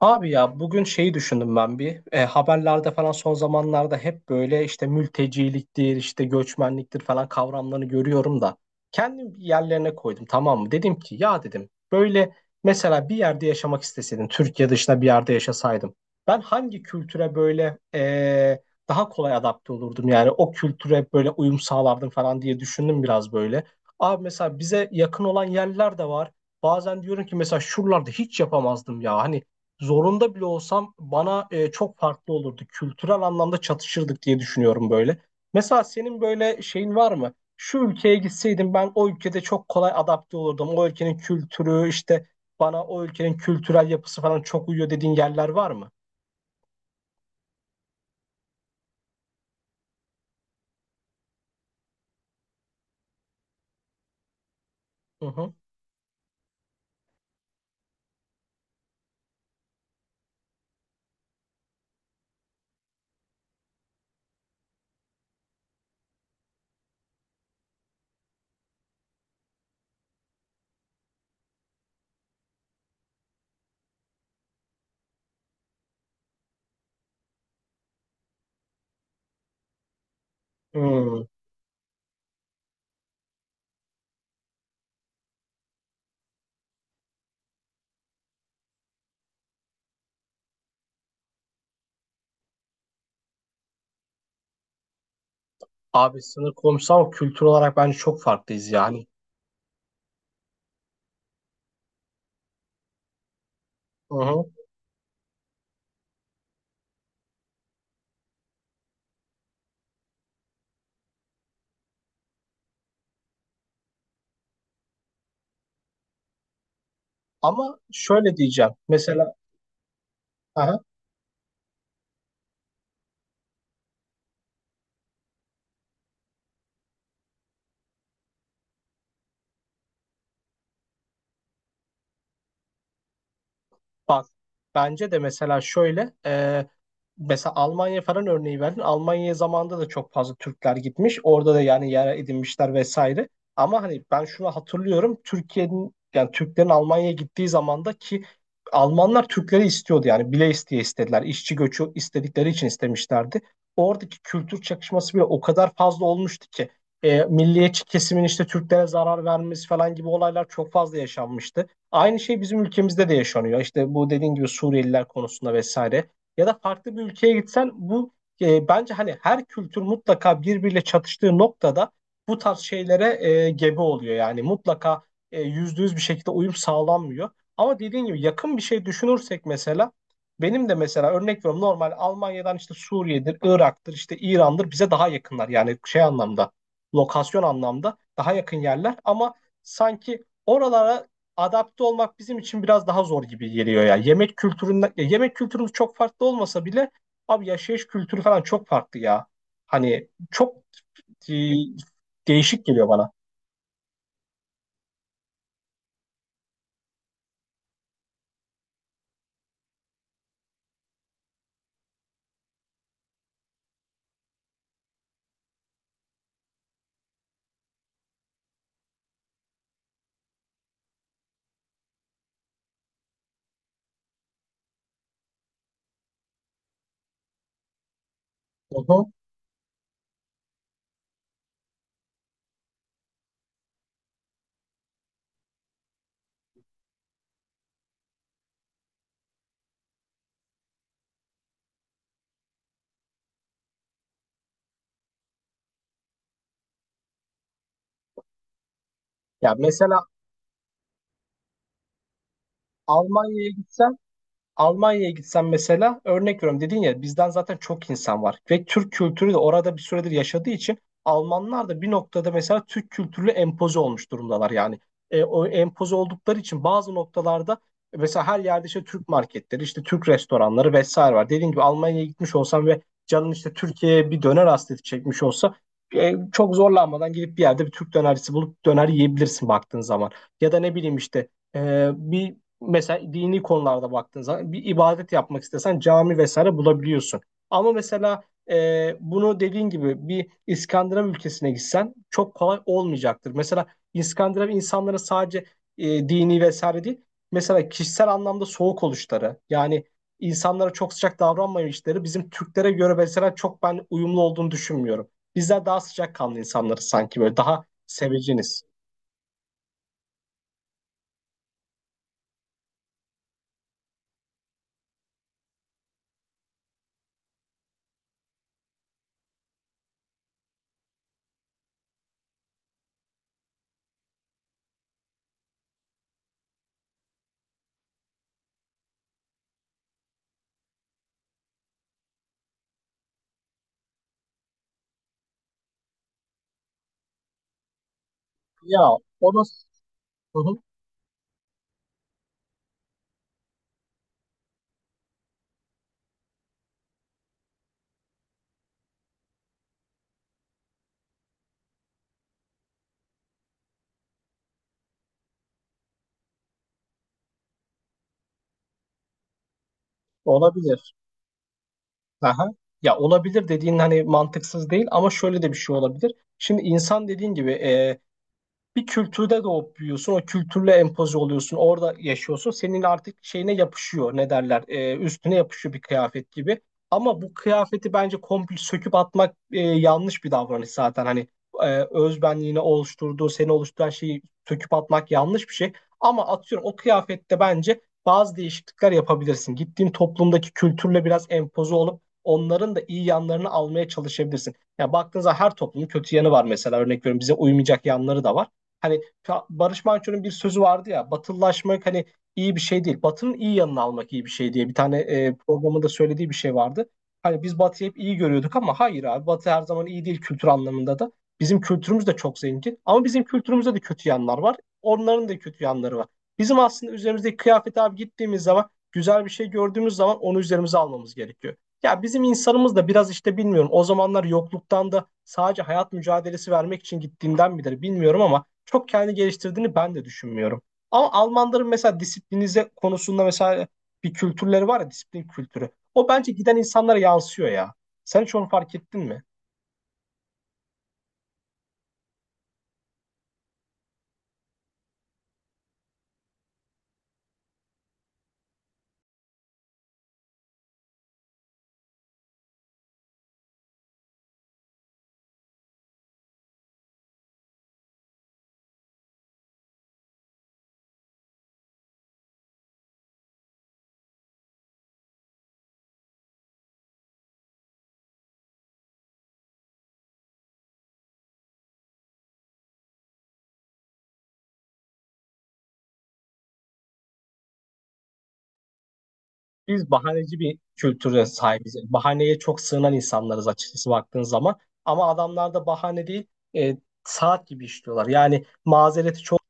Abi ya bugün şeyi düşündüm ben bir haberlerde falan son zamanlarda hep böyle işte mülteciliktir işte göçmenliktir falan kavramlarını görüyorum da kendim bir yerlerine koydum, tamam mı? Dedim ki ya, dedim, böyle mesela bir yerde yaşamak isteseydim, Türkiye dışında bir yerde yaşasaydım ben hangi kültüre böyle daha kolay adapte olurdum, yani o kültüre böyle uyum sağlardım falan diye düşündüm biraz böyle. Abi mesela bize yakın olan yerler de var. Bazen diyorum ki mesela şuralarda hiç yapamazdım ya, hani zorunda bile olsam bana çok farklı olurdu. Kültürel anlamda çatışırdık diye düşünüyorum böyle. Mesela senin böyle şeyin var mı? Şu ülkeye gitseydim ben o ülkede çok kolay adapte olurdum. O ülkenin kültürü işte bana, o ülkenin kültürel yapısı falan çok uyuyor dediğin yerler var mı? Hı hı. Hmm. Abi sınır komşusu ama kültür olarak bence çok farklıyız yani. Hı hı. Ama şöyle diyeceğim. Mesela aha. Bak, bence de mesela şöyle mesela Almanya falan örneği verdin. Almanya zamanında da çok fazla Türkler gitmiş. Orada da yani yer edinmişler vesaire. Ama hani ben şunu hatırlıyorum. Türkiye'nin, yani Türklerin Almanya'ya gittiği zamanda ki Almanlar Türkleri istiyordu, yani bile isteye istediler. İşçi göçü istedikleri için istemişlerdi. Oradaki kültür çakışması bile o kadar fazla olmuştu ki milliyetçi kesimin işte Türklere zarar vermesi falan gibi olaylar çok fazla yaşanmıştı. Aynı şey bizim ülkemizde de yaşanıyor. İşte bu dediğin gibi Suriyeliler konusunda vesaire. Ya da farklı bir ülkeye gitsen bu bence hani her kültür mutlaka birbiriyle çatıştığı noktada bu tarz şeylere gebe oluyor. Yani mutlaka yüzde yüz bir şekilde uyum sağlanmıyor. Ama dediğin gibi yakın bir şey düşünürsek mesela, benim de mesela, örnek veriyorum, normal Almanya'dan işte Suriye'dir, Irak'tır, işte İran'dır bize daha yakınlar. Yani şey anlamda, lokasyon anlamda daha yakın yerler ama sanki oralara adapte olmak bizim için biraz daha zor gibi geliyor ya. Yemek kültüründen, ya yemek kültürümüz çok farklı olmasa bile abi yaşayış kültürü falan çok farklı ya. Hani çok e, değişik geliyor bana. Hı hı. Ya mesela Almanya'ya gitsen Almanya'ya gitsen mesela, örnek veriyorum, dedin ya bizden zaten çok insan var ve Türk kültürü de orada bir süredir yaşadığı için Almanlar da bir noktada mesela Türk kültürüyle empoze olmuş durumdalar yani. E, o empoze oldukları için bazı noktalarda mesela her yerde işte Türk marketleri, işte Türk restoranları vesaire var. Dediğim gibi, Almanya'ya gitmiş olsam ve canın işte Türkiye'ye bir döner hasreti çekmiş olsa çok zorlanmadan gidip bir yerde bir Türk dönercisi bulup döner yiyebilirsin baktığın zaman. Ya da ne bileyim işte bir mesela dini konularda baktığın zaman bir ibadet yapmak istesen cami vesaire bulabiliyorsun. Ama mesela bunu dediğin gibi bir İskandinav ülkesine gitsen çok kolay olmayacaktır. Mesela İskandinav insanları sadece dini vesaire değil, mesela kişisel anlamda soğuk oluşları, yani insanlara çok sıcak davranmayışları bizim Türklere göre mesela, çok ben uyumlu olduğunu düşünmüyorum. Bizler daha sıcakkanlı insanları sanki böyle daha seveceniz. Ya o da. Hı hı, olabilir. Aha. Ya olabilir dediğin hani mantıksız değil ama şöyle de bir şey olabilir. Şimdi insan dediğin gibi bir kültürde doğup büyüyorsun. O kültürle empoze oluyorsun. Orada yaşıyorsun. Senin artık şeyine yapışıyor. Ne derler? Üstüne yapışıyor bir kıyafet gibi. Ama bu kıyafeti bence komple söküp atmak yanlış bir davranış zaten. Hani özbenliğini oluşturduğu, seni oluşturan şeyi söküp atmak yanlış bir şey. Ama atıyorum o kıyafette bence bazı değişiklikler yapabilirsin. Gittiğin toplumdaki kültürle biraz empoze olup onların da iyi yanlarını almaya çalışabilirsin. Ya baktığınızda her toplumun kötü yanı var mesela. Örnek veriyorum, bize uymayacak yanları da var. Hani Barış Manço'nun bir sözü vardı ya, batılılaşmak hani iyi bir şey değil. Batının iyi yanını almak iyi bir şey diye bir tane programında söylediği bir şey vardı. Hani biz Batı'yı hep iyi görüyorduk ama hayır abi, Batı her zaman iyi değil kültür anlamında da. Bizim kültürümüz de çok zengin ama bizim kültürümüzde de kötü yanlar var. Onların da kötü yanları var. Bizim aslında üzerimizdeki kıyafet abi, gittiğimiz zaman güzel bir şey gördüğümüz zaman onu üzerimize almamız gerekiyor. Ya bizim insanımız da biraz işte, bilmiyorum, o zamanlar yokluktan da sadece hayat mücadelesi vermek için gittiğinden midir bilmiyorum ama çok kendi geliştirdiğini ben de düşünmüyorum. Ama Almanların mesela disiplinize konusunda mesela bir kültürleri var ya, disiplin kültürü. O bence giden insanlara yansıyor ya. Sen hiç onu fark ettin mi? Biz bahaneci bir kültüre sahibiz. Bahaneye çok sığınan insanlarız açıkçası baktığın zaman. Ama adamlar da bahane değil, e, saat gibi işliyorlar. Yani mazereti çok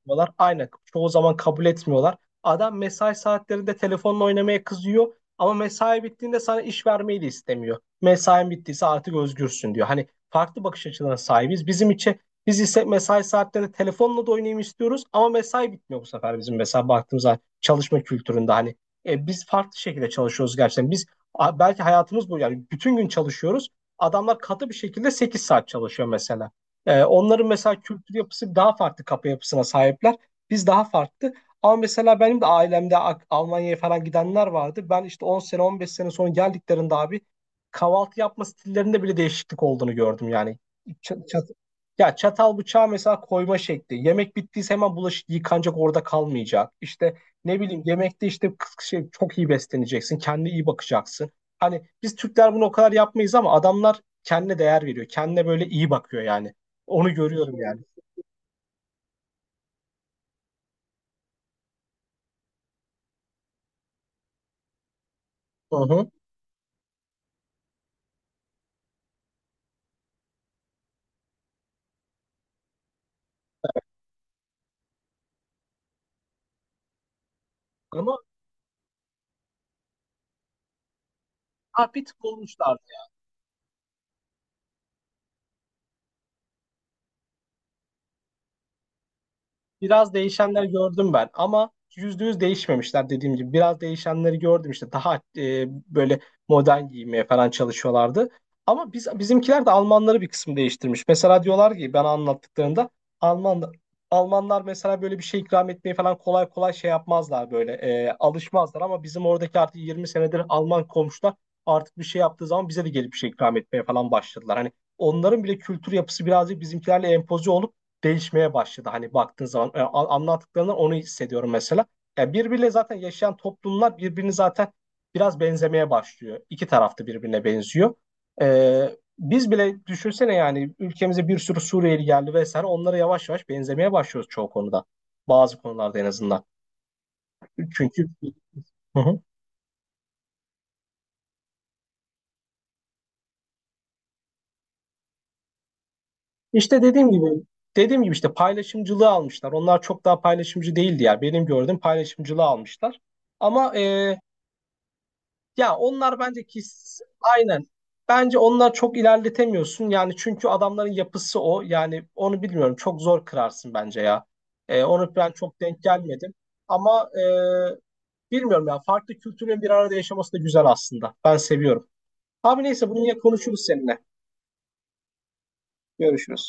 etmiyorlar. Aynen. Çoğu zaman kabul etmiyorlar. Adam mesai saatlerinde telefonla oynamaya kızıyor ama mesai bittiğinde sana iş vermeyi de istemiyor. Mesain bittiyse artık özgürsün diyor. Hani farklı bakış açılarına sahibiz. Bizim için biz ise mesai saatlerinde telefonla da oynayayım istiyoruz ama mesai bitmiyor bu sefer bizim. Mesela baktığımız zaman çalışma kültüründe hani biz farklı şekilde çalışıyoruz gerçekten. Biz belki hayatımız bu yani, bütün gün çalışıyoruz. Adamlar katı bir şekilde 8 saat çalışıyor mesela. E, onların mesela kültür yapısı daha farklı, kafa yapısına sahipler. Biz daha farklı. Ama mesela benim de ailemde Almanya'ya falan gidenler vardı. Ben işte 10 sene 15 sene sonra geldiklerinde abi, kahvaltı yapma stillerinde bile değişiklik olduğunu gördüm yani. Ç- çat- ya çatal bıçağı mesela koyma şekli. Yemek bittiyse hemen bulaşık yıkanacak, orada kalmayacak. İşte ne bileyim, yemekte işte çok iyi besleneceksin. Kendine iyi bakacaksın. Hani biz Türkler bunu o kadar yapmayız ama adamlar kendine değer veriyor. Kendine böyle iyi bakıyor yani. Onu görüyorum yani. Hı hı. Ama ha, bir tık olmuşlar. Biraz değişenler gördüm ben ama %100 değişmemişler dediğim gibi. Biraz değişenleri gördüm, işte daha böyle modern giymeye falan çalışıyorlardı. Ama biz bizimkiler de Almanları bir kısım değiştirmiş. Mesela diyorlar ki bana anlattıklarında Alman Almanlar mesela böyle bir şey ikram etmeyi falan kolay kolay şey yapmazlar, böyle alışmazlar ama bizim oradaki artık 20 senedir Alman komşular artık bir şey yaptığı zaman bize de gelip bir şey ikram etmeye falan başladılar. Hani onların bile kültür yapısı birazcık bizimkilerle empoze olup değişmeye başladı. Hani baktığın zaman anlattıklarından onu hissediyorum mesela. Yani birbiriyle zaten yaşayan toplumlar birbirini zaten biraz benzemeye başlıyor. İki tarafta birbirine benziyor. E, biz bile düşünsene, yani ülkemize bir sürü Suriyeli geldi vesaire, onlara yavaş yavaş benzemeye başlıyoruz çoğu konuda. Bazı konularda en azından. Çünkü. Hı hı. İşte dediğim gibi dediğim gibi işte paylaşımcılığı almışlar. Onlar çok daha paylaşımcı değildi ya. Benim gördüğüm paylaşımcılığı almışlar. Ama ya onlar bence ki aynen. Bence onlar çok ilerletemiyorsun. Yani çünkü adamların yapısı o. Yani onu bilmiyorum. Çok zor kırarsın bence ya. Onu ben çok denk gelmedim. Ama bilmiyorum ya. Farklı kültürlerin bir arada yaşaması da güzel aslında. Ben seviyorum. Abi neyse, bunu yine konuşuruz seninle. Görüşürüz.